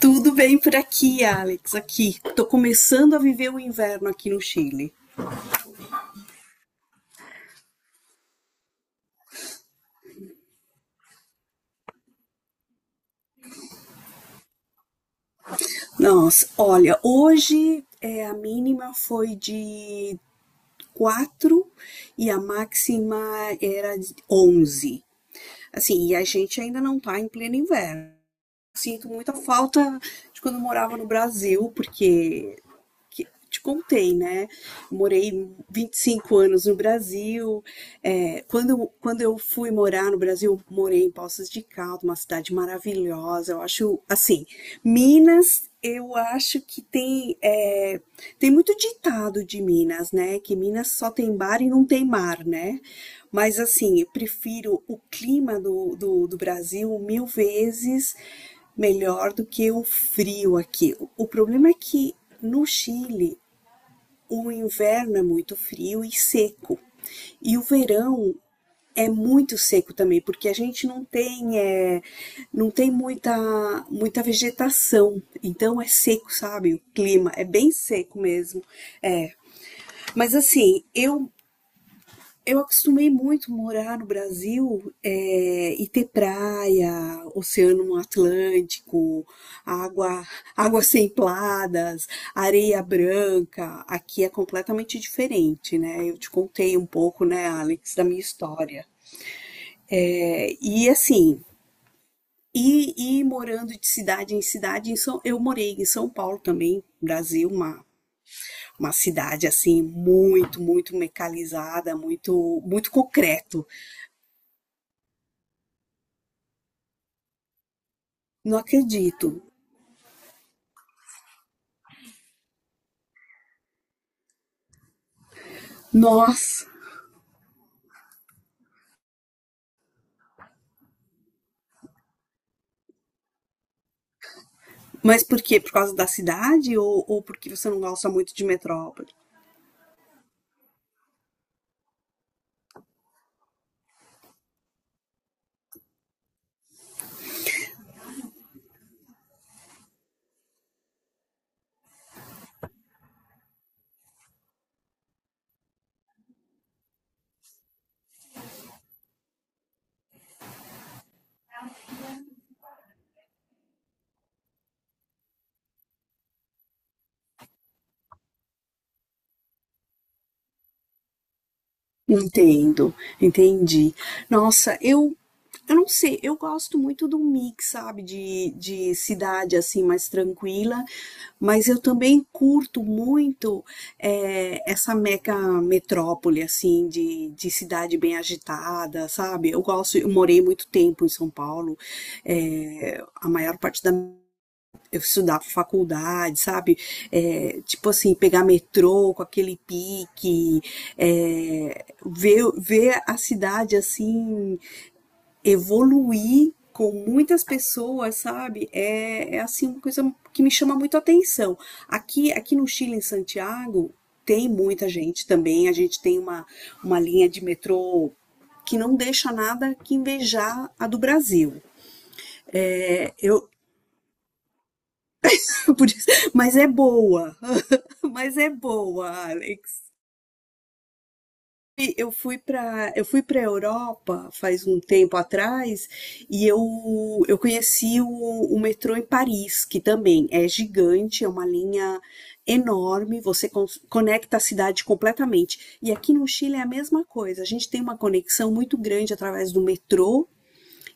Tudo bem por aqui, Alex? Aqui. Tô começando a viver o inverno aqui no Chile. Nossa, olha, a mínima foi de 4 e a máxima era de 11. Assim, e a gente ainda não tá em pleno inverno. Sinto muita falta de quando eu morava no Brasil, porque que te contei, né? Morei 25 anos no Brasil. É, quando eu fui morar no Brasil, morei em Poços de Caldas, uma cidade maravilhosa. Eu acho, assim, Minas, eu acho que tem muito ditado de Minas, né? Que Minas só tem bar e não tem mar, né? Mas assim, eu prefiro o clima do Brasil mil vezes melhor do que o frio aqui. O problema é que no Chile o inverno é muito frio e seco. E o verão é muito seco também, porque a gente não tem muita, muita vegetação, então é seco, sabe? O clima é bem seco mesmo. É. Mas assim, eu acostumei muito morar no Brasil e ter praia, oceano Atlântico, água, águas templadas, areia branca. Aqui é completamente diferente, né? Eu te contei um pouco, né, Alex, da minha história. É, e assim, morando de cidade, em São, eu morei em São Paulo também, Brasil, uma cidade assim muito, muito mecanizada, muito, muito concreto. Não acredito. Nossa, mas por quê? Por causa da cidade ou porque você não gosta muito de metrópole? Entendo, entendi. Nossa, eu não sei, eu gosto muito do mix, sabe, de cidade assim mais tranquila, mas eu também curto muito essa mega metrópole assim de cidade bem agitada, sabe? Eu gosto, eu morei muito tempo em São Paulo, a maior parte da eu estudar pra faculdade, sabe? É, tipo assim, pegar metrô com aquele pique, é, ver a cidade assim evoluir com muitas pessoas, sabe? É, é assim uma coisa que me chama muito a atenção. Aqui no Chile, em Santiago, tem muita gente também. A gente tem uma linha de metrô que não deixa nada que invejar a do Brasil. É, eu, por isso- mas é boa, Mas é boa, Alex. E eu fui para Europa faz um tempo atrás e eu conheci o metrô em Paris, que também é gigante, é uma linha enorme, você conecta a cidade completamente. E aqui no Chile é a mesma coisa. A gente tem uma conexão muito grande através do metrô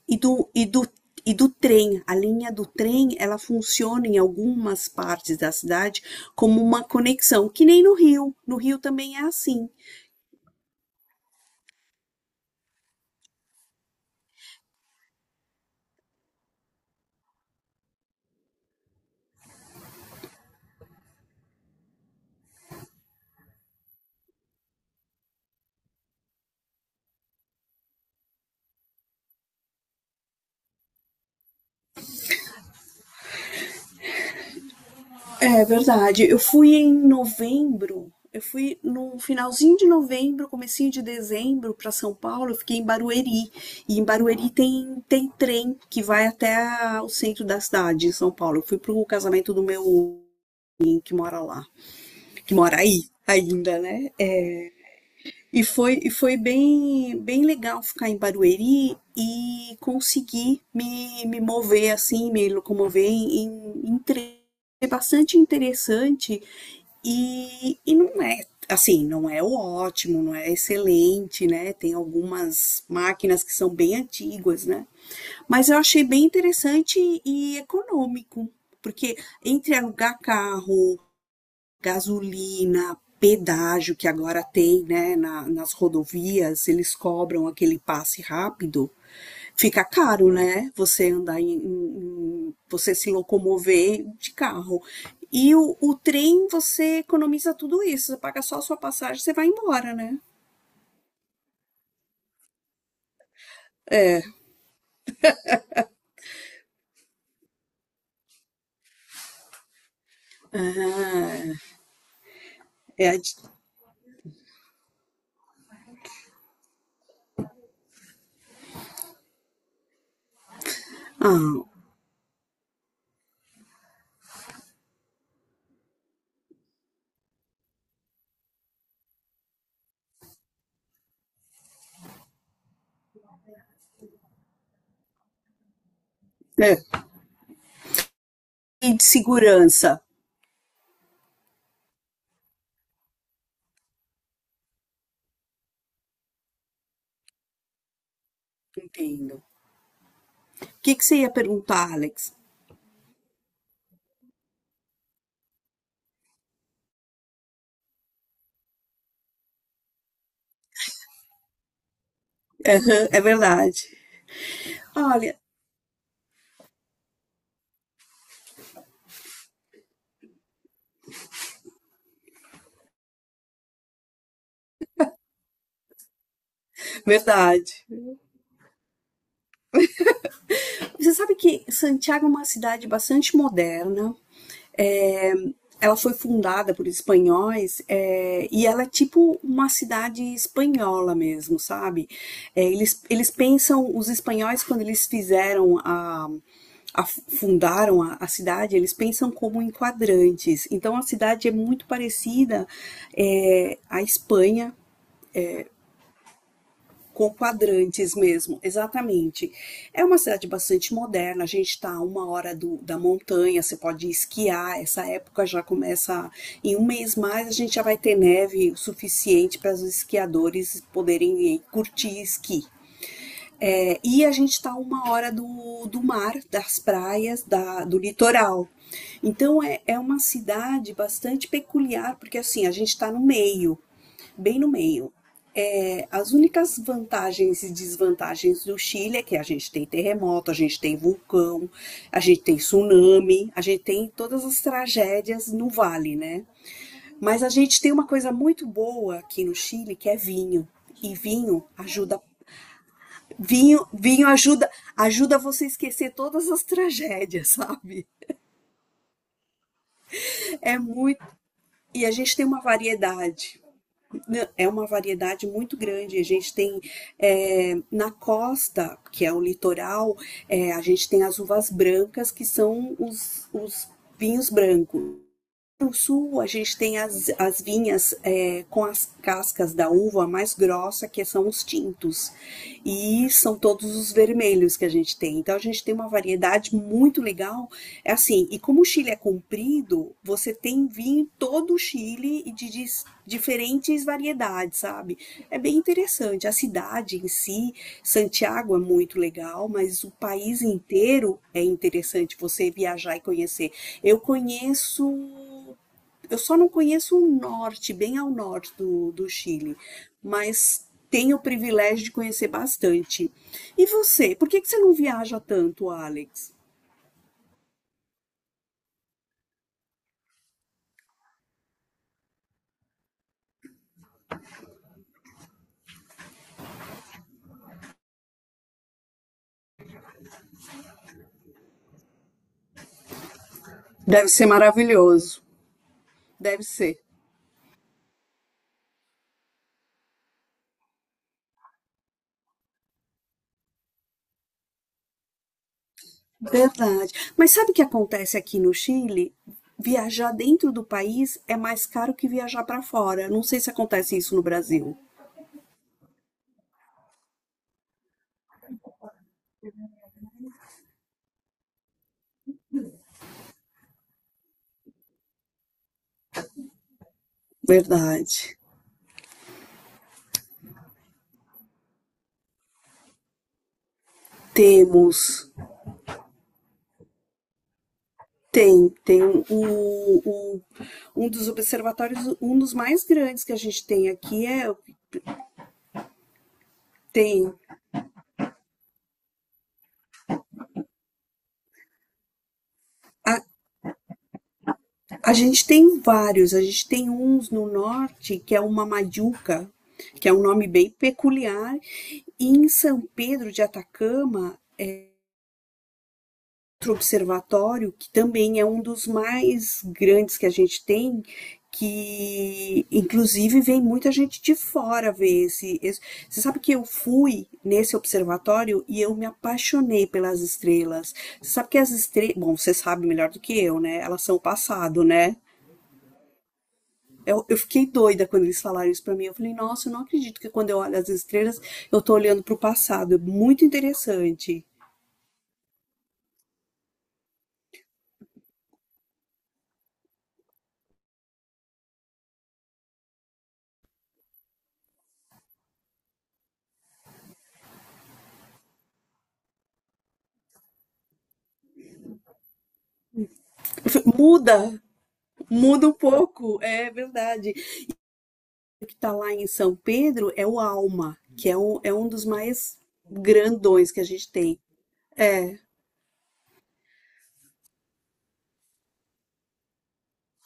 e do, e do, e do trem. A linha do trem, ela funciona em algumas partes da cidade como uma conexão, que nem no Rio. No Rio também é assim. É verdade. Eu fui em novembro. Eu fui no finalzinho de novembro, comecinho de dezembro para São Paulo, eu fiquei em Barueri. E em Barueri tem, tem trem que vai até o centro da cidade, em São Paulo. Eu fui pro casamento do meu que mora lá, que mora aí ainda, né? E foi bem, bem legal ficar em Barueri e conseguir me mover assim, me locomover em, em trem. É bastante interessante e não é assim, não é o ótimo, não é excelente, né? Tem algumas máquinas que são bem antigas, né? Mas eu achei bem interessante e econômico, porque entre alugar carro gasolina, pedágio que agora tem, né, nas rodovias, eles cobram aquele passe rápido, fica caro, né, você andar você se locomover de carro. E o trem, você economiza tudo isso, você paga só a sua passagem, você vai embora, né? Ah, é, ah, é. E de segurança, entendo. O que que você ia perguntar, Alex? É verdade. Olha, verdade. Você sabe que Santiago é uma cidade bastante moderna. Ela foi fundada por espanhóis e ela é tipo uma cidade espanhola mesmo, sabe? É, eles pensam, os espanhóis, quando eles fizeram a, fundaram a cidade, eles pensam como em quadrantes. Então a cidade é muito parecida à Espanha com quadrantes mesmo, exatamente. É uma cidade bastante moderna, a gente está a uma hora do, da montanha, você pode esquiar, essa época já começa, em um mês mais a gente já vai ter neve o suficiente para os esquiadores poderem ir curtir esqui. É, e a gente está a uma hora do, do mar, das praias, da, do litoral. Então é, é uma cidade bastante peculiar, porque assim, a gente está no meio, bem no meio. É, as únicas vantagens e desvantagens do Chile é que a gente tem terremoto, a gente tem vulcão, a gente tem tsunami, a gente tem todas as tragédias no vale, né? Mas a gente tem uma coisa muito boa aqui no Chile que é vinho. E vinho ajuda, vinho ajuda, ajuda você a esquecer todas as tragédias, sabe? É muito. E a gente tem uma variedade. É uma variedade muito grande. A gente tem na costa, que é o litoral, é, a gente tem as uvas brancas, que são os vinhos brancos. No sul, a gente tem as, as vinhas com as cascas da uva mais grossa, que são os tintos. E são todos os vermelhos que a gente tem. Então, a gente tem uma variedade muito legal. É assim, e como o Chile é comprido, você tem vinho em todo o Chile e de, diferentes variedades, sabe? É bem interessante. A cidade em si, Santiago é muito legal, mas o país inteiro é interessante você viajar e conhecer. Eu conheço eu só não conheço o norte, bem ao norte do, do Chile, mas tenho o privilégio de conhecer bastante. E você, por que que você não viaja tanto, Alex? Deve ser maravilhoso. Deve ser. Verdade. Mas sabe o que acontece aqui no Chile? Viajar dentro do país é mais caro que viajar para fora. Não sei se acontece isso no Brasil. Verdade. Temos. Tem, um dos observatórios, um dos mais grandes que a gente tem aqui é tem a, a gente tem vários, a gente tem uns no norte que é uma Majuca, que é um nome bem peculiar, e em São Pedro de Atacama outro observatório, que também é um dos mais grandes que a gente tem, que inclusive vem muita gente de fora ver Você sabe que eu fui nesse observatório e eu me apaixonei pelas estrelas. Você sabe que as estrelas. Bom, você sabe melhor do que eu, né? Elas são o passado, né? Eu fiquei doida quando eles falaram isso pra mim. Eu falei, nossa, eu não acredito que quando eu olho as estrelas, eu tô olhando pro passado. É muito interessante. Muda, muda um pouco, é verdade. Que está lá em São Pedro é o Alma, que é um dos mais grandões que a gente tem. É,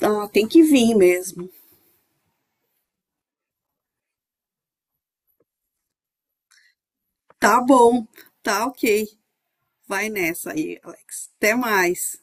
ah, tem que vir mesmo. Tá bom, tá ok. Vai nessa aí, Alex. Até mais.